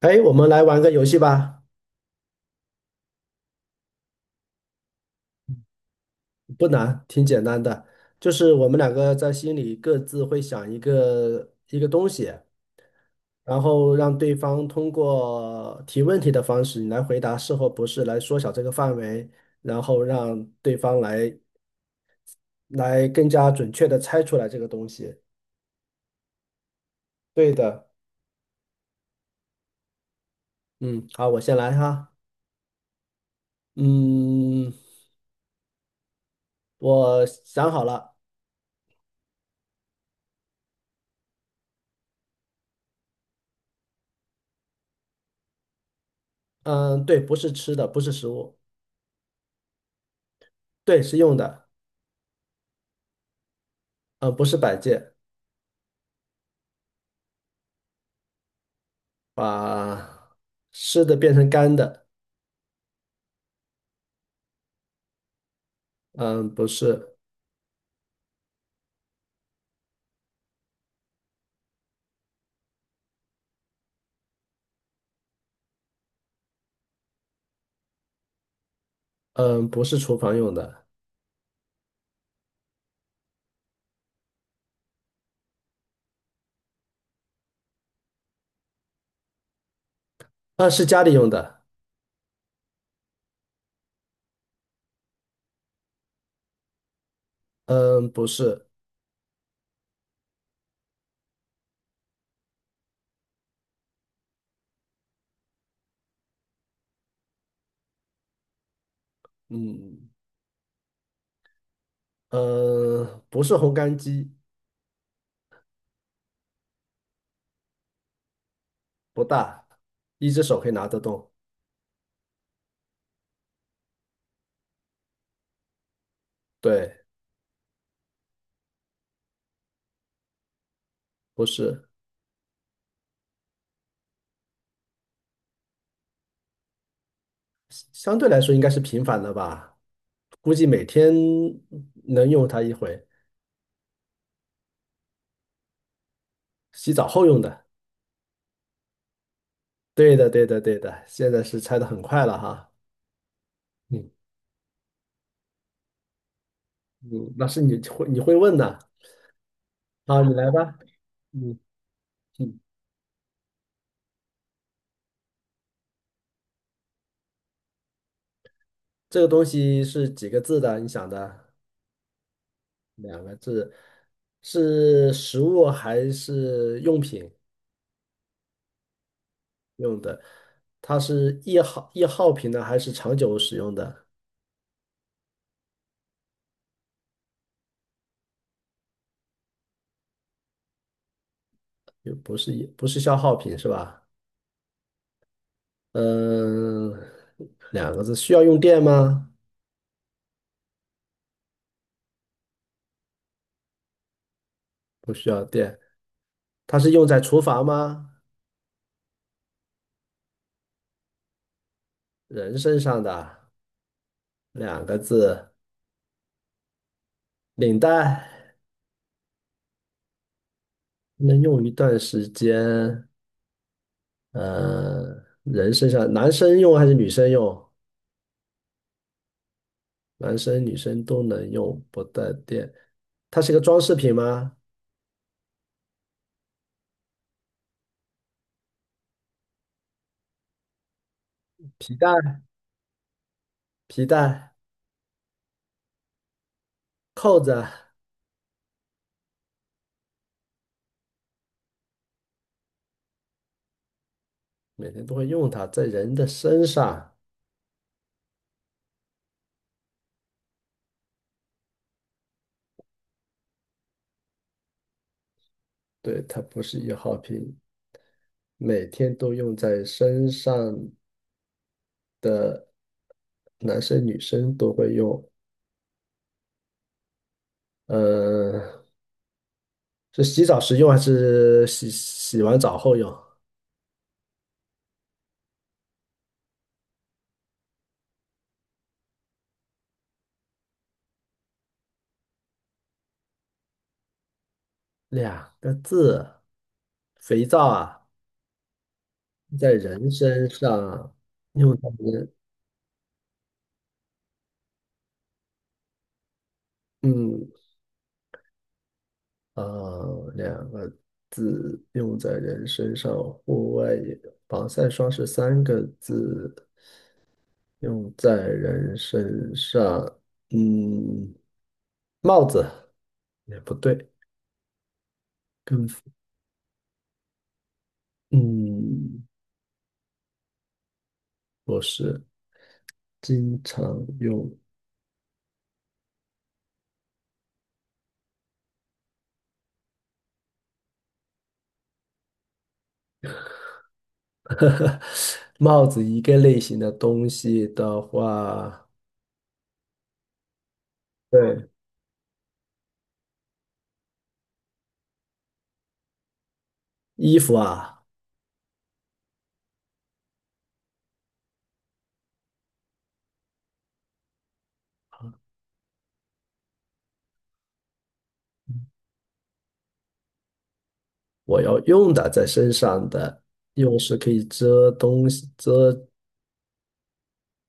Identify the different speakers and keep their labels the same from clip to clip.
Speaker 1: 哎，我们来玩个游戏吧，不难，挺简单的，就是我们两个在心里各自会想一个东西，然后让对方通过提问题的方式，你来回答是或不是，来缩小这个范围，然后让对方来更加准确的猜出来这个东西。对的，嗯，好，我先来哈，嗯，我想好了，嗯，对，不是吃的，不是食物，对，是用的，嗯，不是摆件。把湿的变成干的，嗯，不是，嗯，不是厨房用的，啊，是家里用的，嗯，不是，嗯，嗯，不是烘干机，不大，一只手可以拿得动，对，不是，相对来说应该是频繁的吧，估计每天能用它一回，洗澡后用的，对的，对的，对的，现在是拆的很快了哈，嗯嗯，那是你会问的，好，你来吧，嗯。嗯，这个东西是几个字的？你想的两个字，是食物还是用品用的？它是易耗品呢，还是长久使用的？又不是消耗品是吧？嗯，两个字，需要用电吗？不需要电。它是用在厨房吗？人身上的两个字，领带能用一段时间。呃，人身上，男生用还是女生用？男生女生都能用，不带电。它是一个装饰品吗？皮带、皮带、扣子，每天都会用它，在人的身上。对，它不是易耗品，每天都用在身上，男生女生都会用。呃，是洗澡时用还是洗完澡后用？两个字，肥皂啊，在人身上。嗯，嗯啊，两个字用在人身上，户外也。防晒霜是三个字，用在人身上。嗯，帽子也不对，跟嗯不是经常用。帽子一个类型的东西的话，对，衣服啊，我要用的在身上的，用是可以遮东西遮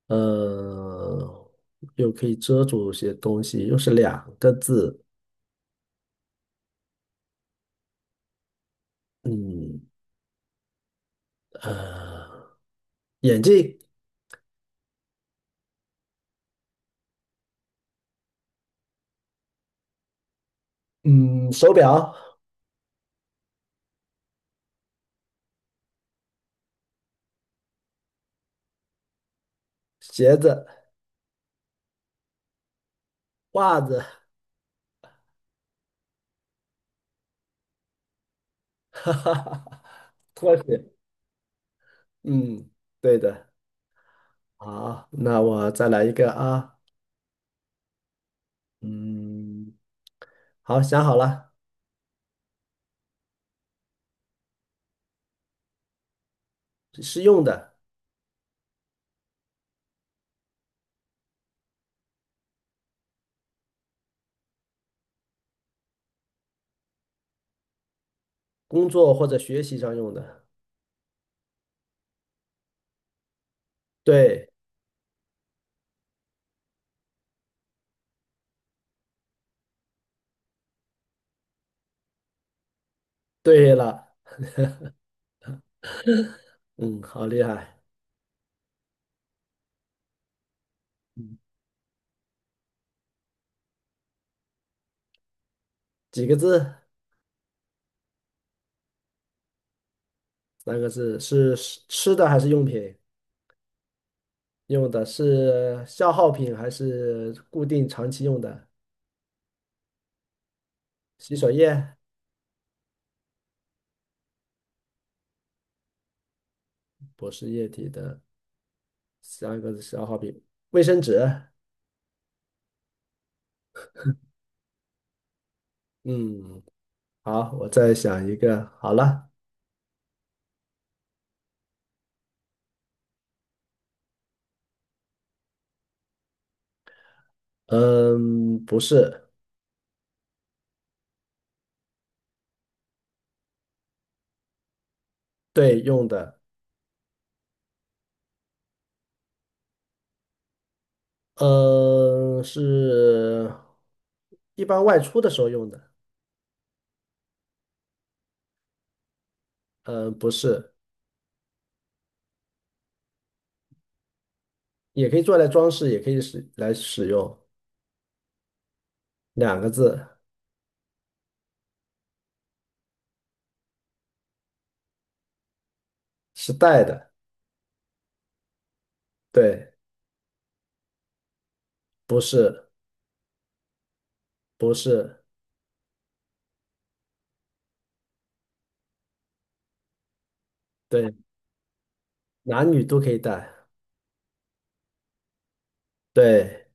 Speaker 1: 呃，又可以遮住一些东西，又是两个字，嗯，呃，眼镜，嗯，手表，鞋子，袜子，哈哈哈，拖鞋，嗯，对的，好，那我再来一个啊，嗯，好，想好了，是用的，工作或者学习上用的，对，对了，嗯，好厉害，几个字？三个字，是吃的还是用品？用的是消耗品还是固定长期用的？洗手液、不是液体的三个消耗品，卫生纸。嗯，好，我再想一个。好了，嗯，不是，对，用的，嗯，是一般外出的时候用的。嗯，不是，也可以做来装饰，也可以使来使用。两个字是带的，对，不是，不是，对，男女都可以带。对，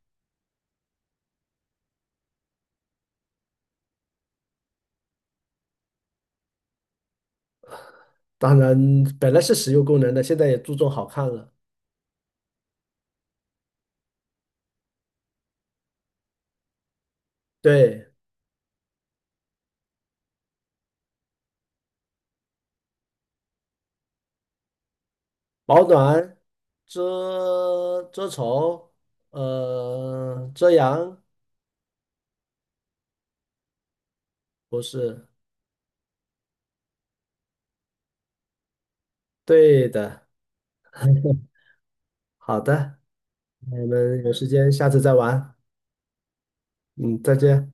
Speaker 1: 当然本来是实用功能的，现在也注重好看了。对，保暖、遮丑，呃，遮阳，不是，对的。好的，那我们有时间下次再玩。嗯，再见。